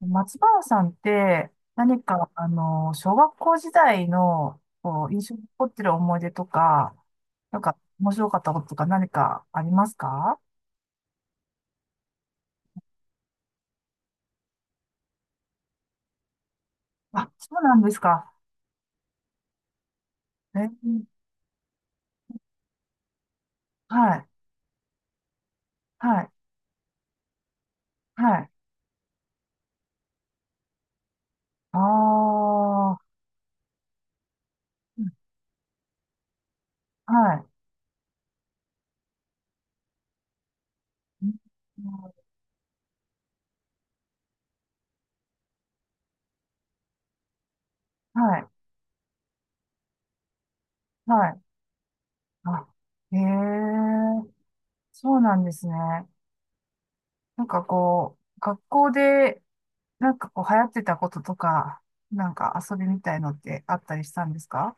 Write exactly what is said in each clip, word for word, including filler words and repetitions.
松原さんって何か、あの、小学校時代の、こう、印象に残ってる思い出とか、なんか、面白かったこととか何かありますか？あ、そうなんですか。えーはい、はい、はい。ああ、はい、うん、はい、はい。あ、へえ、そうなんですね。なんかこう、学校で、なんかこう流行ってたこととか、なんか遊びみたいのってあったりしたんですか？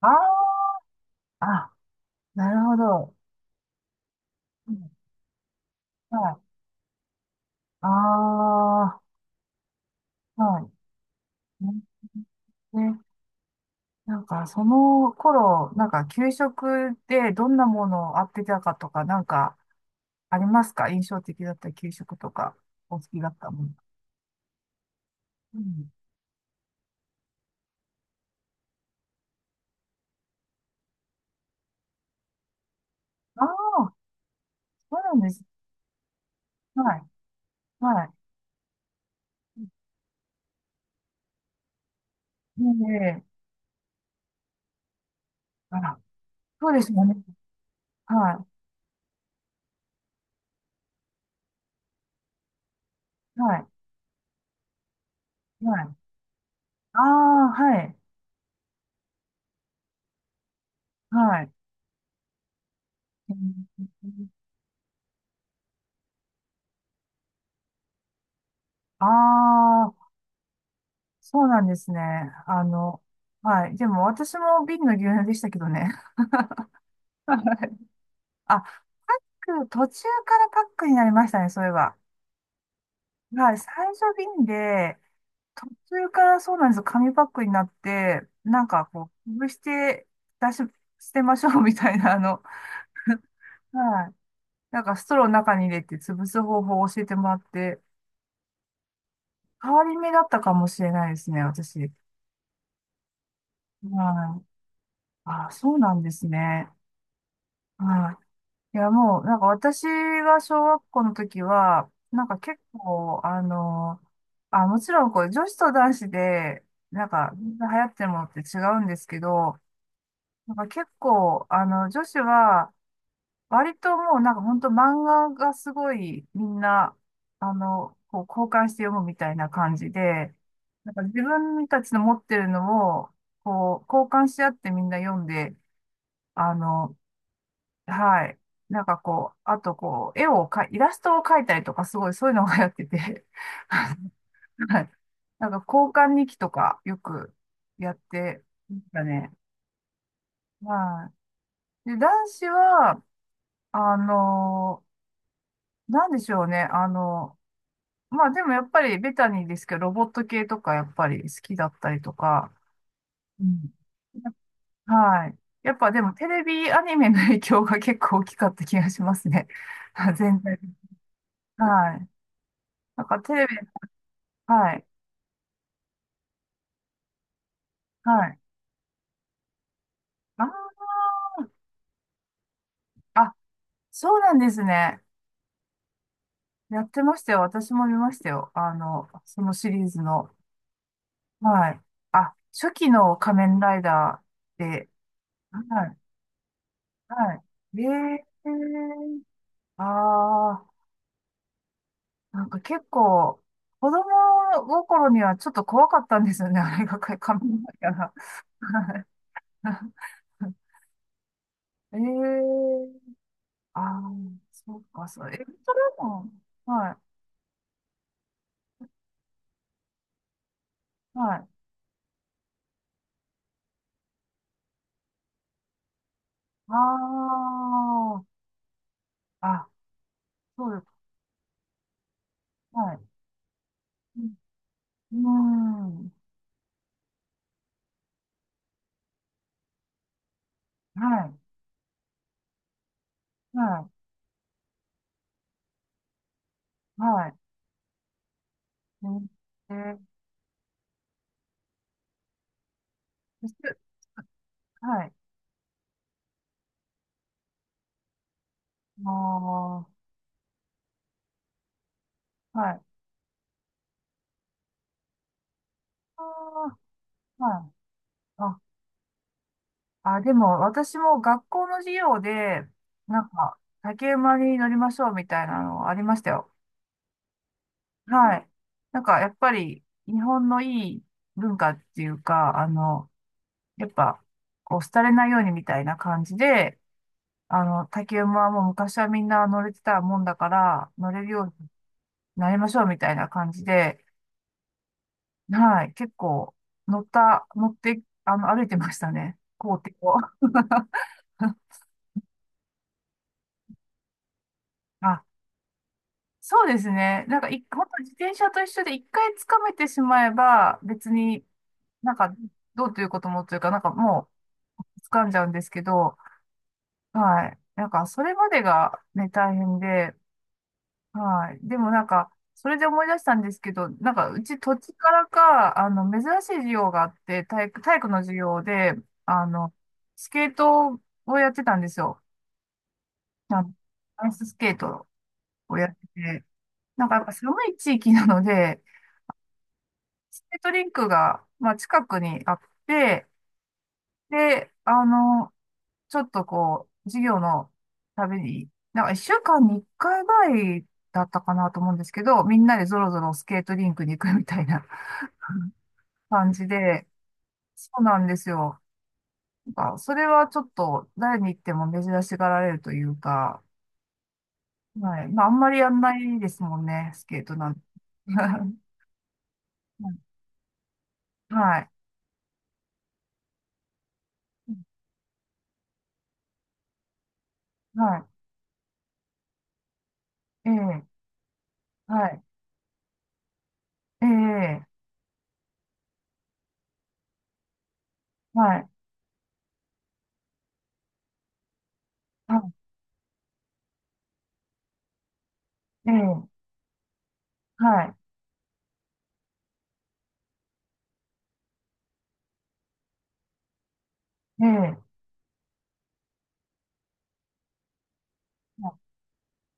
ああー、あ、なるほど。うん、はい。ああ、はい。ね、ね、なんかその頃、なんか給食でどんなものをあってたかとか、なんかありますか、印象的だった給食とか、お好きだったもの。うん。ああ、そうなんです。はい。はい。ねえ、あら、そうですよね。はい。はい。はい。ああ、はい、はい。ああー、そうなんですね。あの、はい。でも私も瓶の牛乳でしたけどね。はい。あ、パック、途中からパックになりましたね、そういえば。はい、最初瓶で、途中からそうなんですよ、紙パックになって、なんかこう、潰して、出し、捨てましょうみたいな、あの、はい。なんかストローの中に入れて潰す方法を教えてもらって、変わり目だったかもしれないですね、私。はい。ああ、そうなんですね。はい。いや、もう、なんか私が小学校の時は、なんか結構、あの、あ、もちろん、こう、女子と男子で、なんか、流行ってるものって違うんですけど、なんか結構、あの、女子は、割ともう、なんか本当漫画がすごい、みんな、あの、こう、交換して読むみたいな感じで、なんか自分たちの持ってるのを、こう、交換し合ってみんな読んで、あの、はい。なんかこう、あとこう、絵をかい、イラストを描いたりとか、すごいそういうのがやってて、はい。なんか交換日記とかよくやってましたね。はい。で、男子は、あのーなんでしょうね。あのまあでもやっぱりベタにですけど、ロボット系とかやっぱり好きだったりとか、うん。はい。やっぱでもテレビアニメの影響が結構大きかった気がしますね。全体。はい。なんかテレビ、はい。はい。あー、あ、そうなんですね。やってましたよ。私も見ましたよ。あの、そのシリーズの。はい。あ、初期の仮面ライダーで。はい。はい。ええー。ああ、なんか結構、子供心にはちょっと怖かったんですよね。あれが仮仮面ライダーが。はい、ええー。ああ、そうか、そう。えルトラマン。はい。はい。ああ、あ、そうです。はい。うん。うん、はい。はい。はい。うん、えー、そして、はい。ああ、はい。ああ、はい。あ、あ、でも、私も学校の授業で、なんか、竹馬に乗りましょうみたいなのありましたよ。はい。なんか、やっぱり、日本のいい文化っていうか、あの、やっぱ、こう、廃れないようにみたいな感じで、あの、竹馬はもう昔はみんな乗れてたもんだから、乗れるようになりましょうみたいな感じで、はい、結構乗った、乗って、あの、歩いてましたね、校庭を。あ、そうですね。なんか、い、本当自転車と一緒で一回掴めてしまえば、別になんか、どうということもというか、なんかもう掴んじゃうんですけど、はい。なんか、それまでがね、大変で、はい。でもなんか、それで思い出したんですけど、なんか、うち土地からか、あの、珍しい授業があって、体育、体育の授業で、あの、スケートをやってたんですよ。あの、アイススケートをやってて、なんかやっぱ寒い地域なので、スケートリンクが、まあ、近くにあって、で、あの、ちょっとこう、授業のために、なんか一週間に一回ぐらいだったかなと思うんですけど、みんなでぞろぞろスケートリンクに行くみたいな。感じで、そうなんですよ。なんか、それはちょっと誰に言っても珍しがられるというか、はい。まあ、あんまりやんないですもんね、スケートなんて。はい。はい。ええ、はい。ええ、はい。はい。ええ、はい。ええ、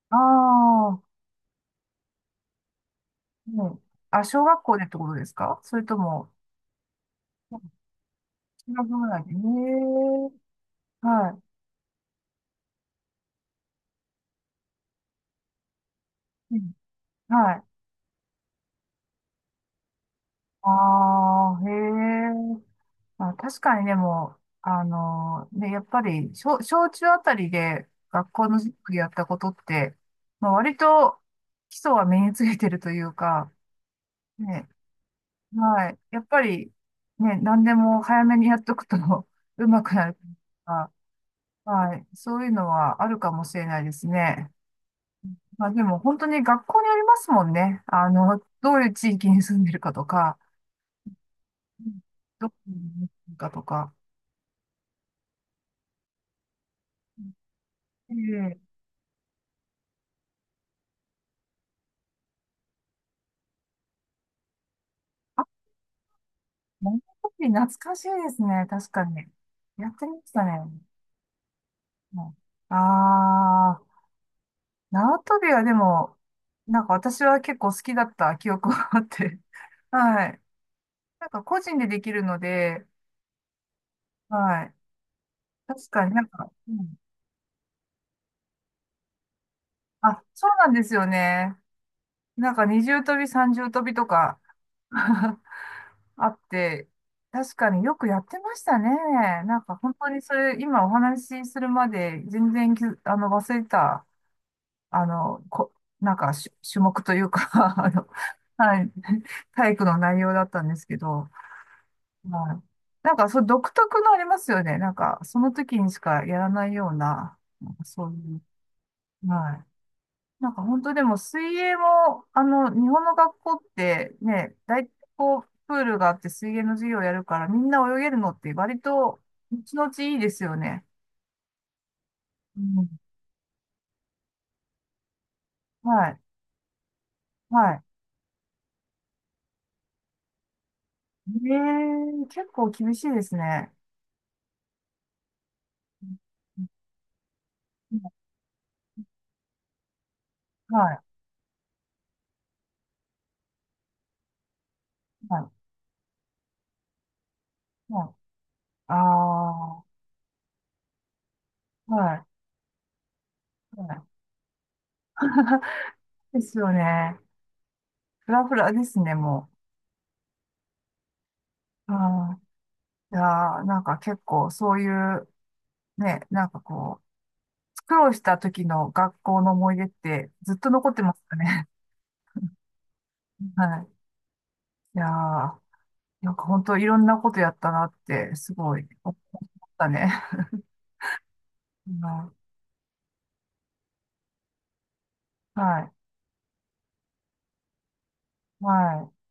ああー、うん、あ、小学校でってことですかそれとも、中学ぐらいで。ええ、はい。うん、はい。ああ、へえ。まあ、確かにでも、あのね、やっぱり、小、小中あたりで学校の授業やったことって、まあ、割と基礎は身についてるというか、ね、はい。やっぱり、ね、何でも早めにやっとくと 上手くなるというか、はい。そういうのはあるかもしれないですね。まあでも本当に学校によりますもんね。あの、どういう地域に住んでるかとか、うん、どこに住んでるかとか。ええ、跳び懐かしいですね。確かに。やってましたね。うん、ああ、縄跳びはでも、なんか私は結構好きだった記憶があって。はい。なんか個人でできるので、はい。確かになんか、うん、あ、そうなんですよね。なんか二重跳び、三重跳びとか あって、確かによくやってましたね。なんか本当にそれ、今お話しするまで全然きあの、忘れてた。あの、こ、なんかし種目というか あの、はい、体育の内容だったんですけど、はい。なんか、そう、独特のありますよね。なんか、その時にしかやらないような、なんかそういう、はい。なんか、本当でも、水泳も、あの、日本の学校ってね、大体こう、プールがあって水泳の授業やるから、みんな泳げるのって割と、後々いいですよね。うん。はい。はい。ええ、結構厳しいですね。はい、はい、はい。ああ、はい、はい。ですよね。フラフラですね、もう。あー、いやー、なんか結構そういう、ね、なんかこう、苦労した時の学校の思い出ってずっと残ってますよね。はい。いやー、なんか本当いろんなことやったなって、すごい思ったね。はい、はい、はい。